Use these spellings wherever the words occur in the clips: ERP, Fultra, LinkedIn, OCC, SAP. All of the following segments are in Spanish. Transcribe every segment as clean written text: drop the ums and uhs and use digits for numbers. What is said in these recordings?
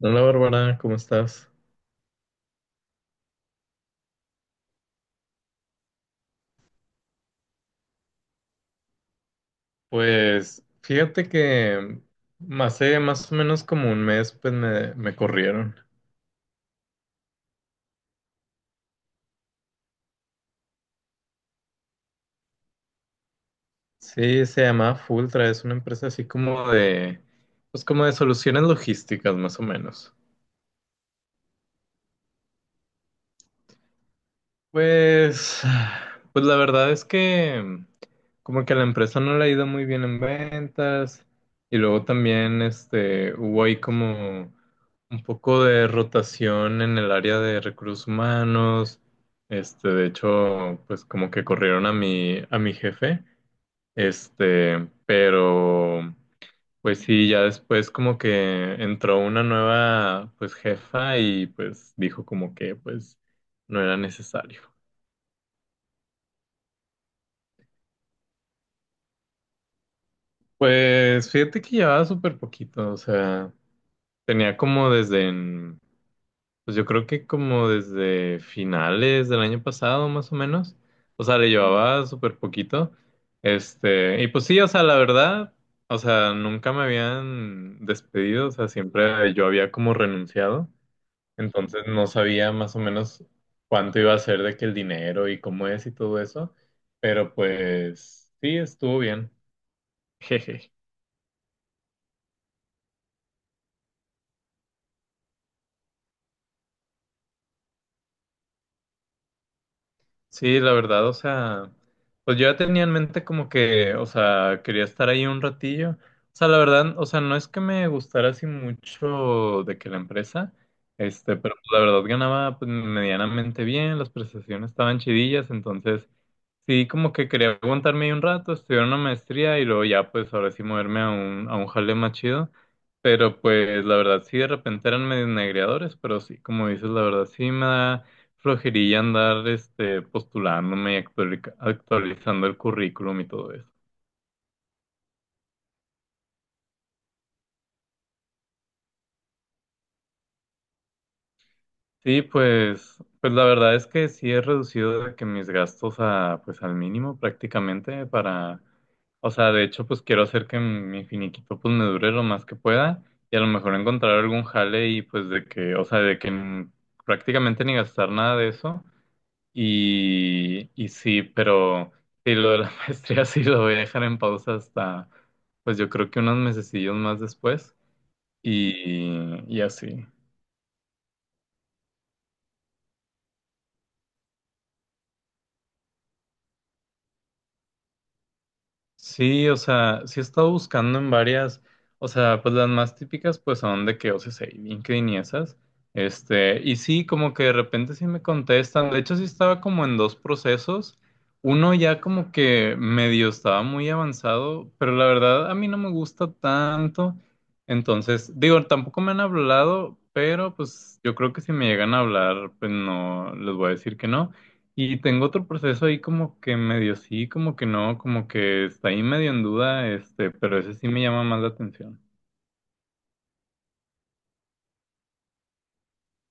Hola, Bárbara, ¿cómo estás? Pues fíjate que hace más o menos como un mes pues me corrieron. Sí, se llama Fultra, es una empresa así como de, pues como de soluciones logísticas más o menos. Pues, pues la verdad es que como que a la empresa no le ha ido muy bien en ventas y luego también hubo ahí como un poco de rotación en el área de recursos humanos. De hecho, pues como que corrieron a mi jefe, pero pues sí, ya después como que entró una nueva pues jefa y pues dijo como que pues no era necesario. Pues fíjate que llevaba súper poquito, o sea, tenía como desde, pues yo creo que como desde finales del año pasado más o menos, o sea, le llevaba súper poquito, y pues sí, o sea, la verdad, o sea, nunca me habían despedido, o sea, siempre yo había como renunciado, entonces no sabía más o menos cuánto iba a ser de que el dinero y cómo es y todo eso, pero pues sí, estuvo bien. Sí, la verdad, o sea, pues yo ya tenía en mente como que, o sea, quería estar ahí un ratillo. O sea, la verdad, o sea, no es que me gustara así mucho de que la empresa, pero la verdad ganaba pues medianamente bien, las prestaciones estaban chidillas, entonces sí, como que quería aguantarme ahí un rato, estudiar una maestría y luego ya, pues ahora sí moverme a un jale más chido. Pero pues la verdad sí, de repente eran medio negreadores, pero sí, como dices, la verdad sí me da flojería andar postulándome y actualizando el currículum y todo eso. Sí, pues la verdad es que sí he reducido de que mis gastos a, pues, al mínimo prácticamente para, o sea, de hecho, pues quiero hacer que mi finiquito pues me dure lo más que pueda y a lo mejor encontrar algún jale y pues de que, o sea, prácticamente ni gastar nada de eso. Y sí, pero sí, lo de la maestría sí lo voy a dejar en pausa hasta, pues yo creo que unos mesecillos más después y así. Sí, o sea, sí he estado buscando en varias, o sea, pues las más típicas pues son de que OCC y LinkedIn y esas, y sí, como que de repente sí me contestan, de hecho sí estaba como en dos procesos, uno ya como que medio estaba muy avanzado, pero la verdad a mí no me gusta tanto, entonces, digo, tampoco me han hablado, pero pues yo creo que si me llegan a hablar, pues no, les voy a decir que no. Y tengo otro proceso ahí como que medio sí, como que no, como que está ahí medio en duda, pero ese sí me llama más la atención.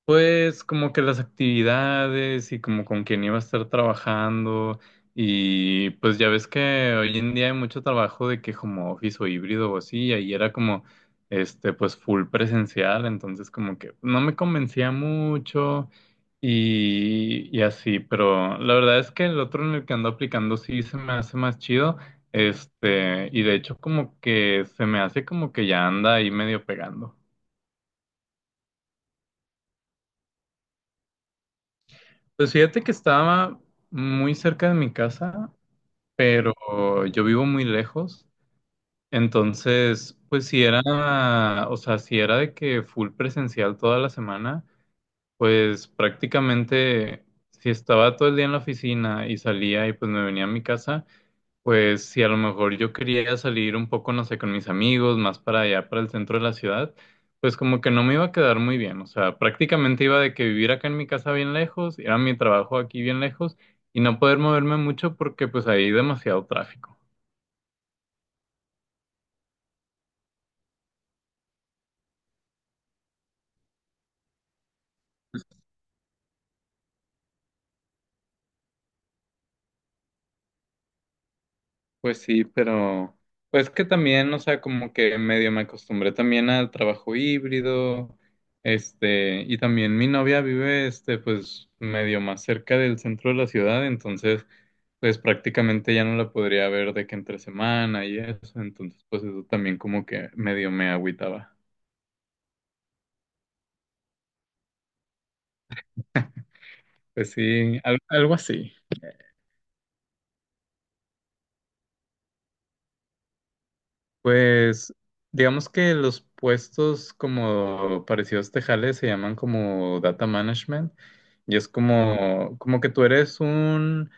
Pues como que las actividades y como con quién iba a estar trabajando, y pues ya ves que hoy en día hay mucho trabajo de que como office o híbrido o así, y ahí era como pues full presencial, entonces como que no me convencía mucho y así, pero la verdad es que el otro en el que ando aplicando sí se me hace más chido, y de hecho como que se me hace como que ya anda ahí medio pegando. Pues fíjate que estaba muy cerca de mi casa, pero yo vivo muy lejos. Entonces, pues si era, o sea, si era de que full presencial toda la semana, pues prácticamente si estaba todo el día en la oficina y salía y pues me venía a mi casa, pues si a lo mejor yo quería salir un poco, no sé, con mis amigos, más para allá, para el centro de la ciudad, pues como que no me iba a quedar muy bien. O sea, prácticamente iba de que vivir acá en mi casa bien lejos, ir a mi trabajo aquí bien lejos y no poder moverme mucho porque pues hay demasiado tráfico. Pues sí, pero pues que también, o sea, como que medio me acostumbré también al trabajo híbrido, y también mi novia vive, pues medio más cerca del centro de la ciudad, entonces pues prácticamente ya no la podría ver de que entre semana y eso, entonces pues eso también como que medio me agüitaba. Pues sí, algo así. Pues digamos que los puestos como parecidos tejales se llaman como data management, y es como, como que tú eres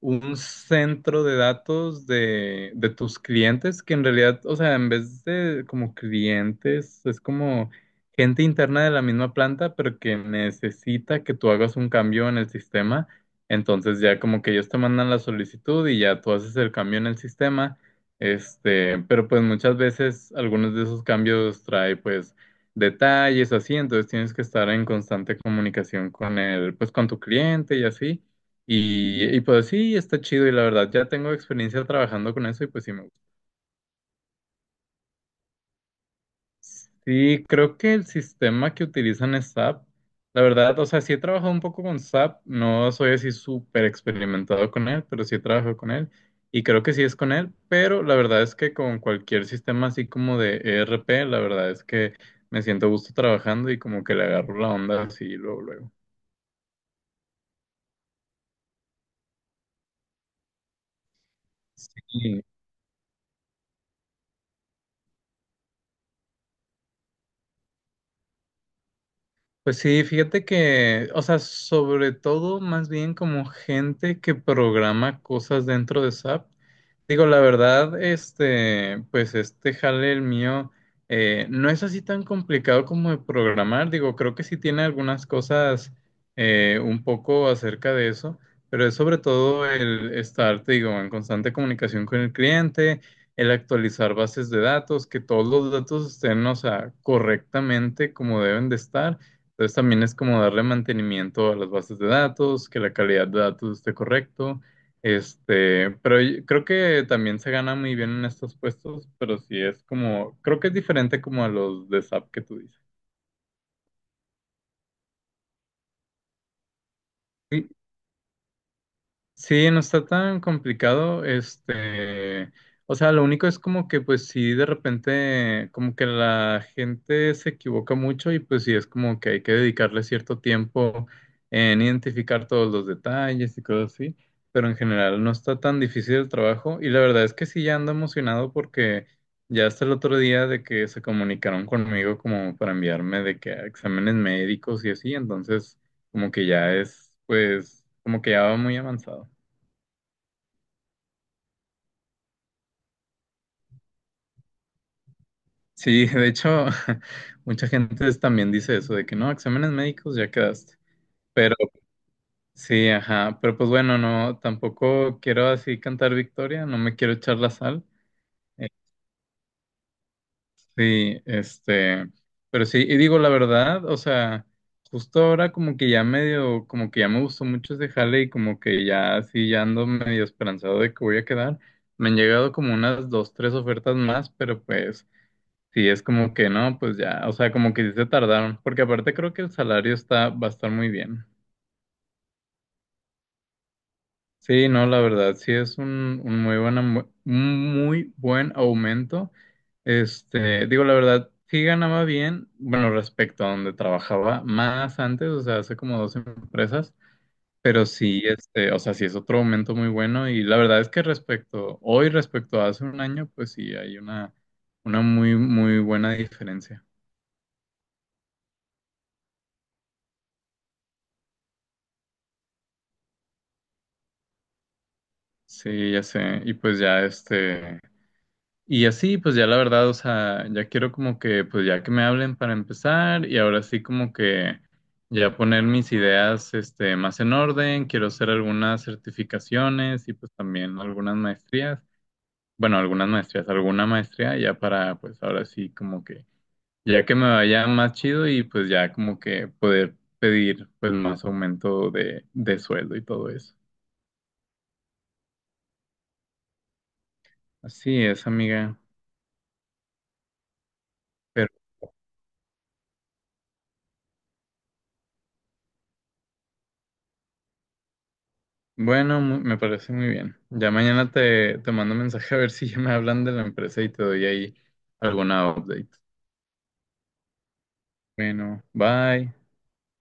un centro de datos de tus clientes que en realidad, o sea, en vez de como clientes, es como gente interna de la misma planta, pero que necesita que tú hagas un cambio en el sistema. Entonces ya como que ellos te mandan la solicitud y ya tú haces el cambio en el sistema. Pero pues muchas veces algunos de esos cambios trae pues detalles o así, entonces tienes que estar en constante comunicación con el, pues con tu cliente y así. Y pues sí, está chido y la verdad ya tengo experiencia trabajando con eso y pues sí me gusta. Sí, creo que el sistema que utilizan es SAP. La verdad, o sea, sí he trabajado un poco con SAP, no soy así súper experimentado con él, pero sí he trabajado con él y creo que sí es con él, pero la verdad es que con cualquier sistema así como de ERP, la verdad es que me siento a gusto trabajando y como que le agarro la onda así luego, luego. Sí. Pues sí, fíjate que, o sea, sobre todo más bien como gente que programa cosas dentro de SAP. Digo, la verdad, pues este jale el mío no es así tan complicado como de programar. Digo, creo que sí tiene algunas cosas un poco acerca de eso, pero es sobre todo el estar, te digo, en constante comunicación con el cliente, el actualizar bases de datos, que todos los datos estén, o sea, correctamente como deben de estar. Entonces también es como darle mantenimiento a las bases de datos, que la calidad de datos esté correcto. Pero yo creo que también se gana muy bien en estos puestos, pero sí es como, creo que es diferente como a los de SAP que tú dices. Y sí, no está tan complicado, o sea, lo único es como que pues sí, de repente como que la gente se equivoca mucho y pues sí es como que hay que dedicarle cierto tiempo en identificar todos los detalles y cosas así, pero en general no está tan difícil el trabajo y la verdad es que sí ya ando emocionado porque ya hasta el otro día de que se comunicaron conmigo como para enviarme de que a exámenes médicos y así, entonces como que ya es pues como que ya va muy avanzado. Sí, de hecho, mucha gente también dice eso de que no, exámenes médicos ya quedaste. Pero sí, ajá, pero pues bueno, no, tampoco quiero así cantar victoria, no me quiero echar la sal. Eh, Sí, pero sí, y digo la verdad, o sea, justo ahora como que ya medio, como que ya me gustó mucho ese jale y como que ya sí, ya ando medio esperanzado de que voy a quedar. Me han llegado como unas dos, tres ofertas más, pero pues sí, es como que no, pues ya, o sea, como que sí se tardaron, porque aparte creo que el salario está, va a estar muy bien. Sí, no, la verdad, sí es un muy buen, un muy buen aumento. Digo, la verdad, sí ganaba bien, bueno, respecto a donde trabajaba más antes, o sea, hace como dos empresas, pero sí, o sea, sí es otro aumento muy bueno y la verdad es que respecto, hoy respecto a hace un año, pues sí, hay una muy, muy buena diferencia. Sí, ya sé. Y pues ya y así, pues ya la verdad, o sea, ya quiero como que, pues ya que me hablen para empezar y ahora sí como que ya poner mis ideas, más en orden. Quiero hacer algunas certificaciones y pues también algunas maestrías. Bueno, algunas maestrías, alguna maestría ya para, pues ahora sí como que, ya que me vaya más chido y pues ya como que poder pedir pues más aumento de sueldo y todo eso. Así es, amiga. Bueno, me parece muy bien. Ya mañana te mando un mensaje a ver si ya me hablan de la empresa y te doy ahí alguna update. Bueno, bye.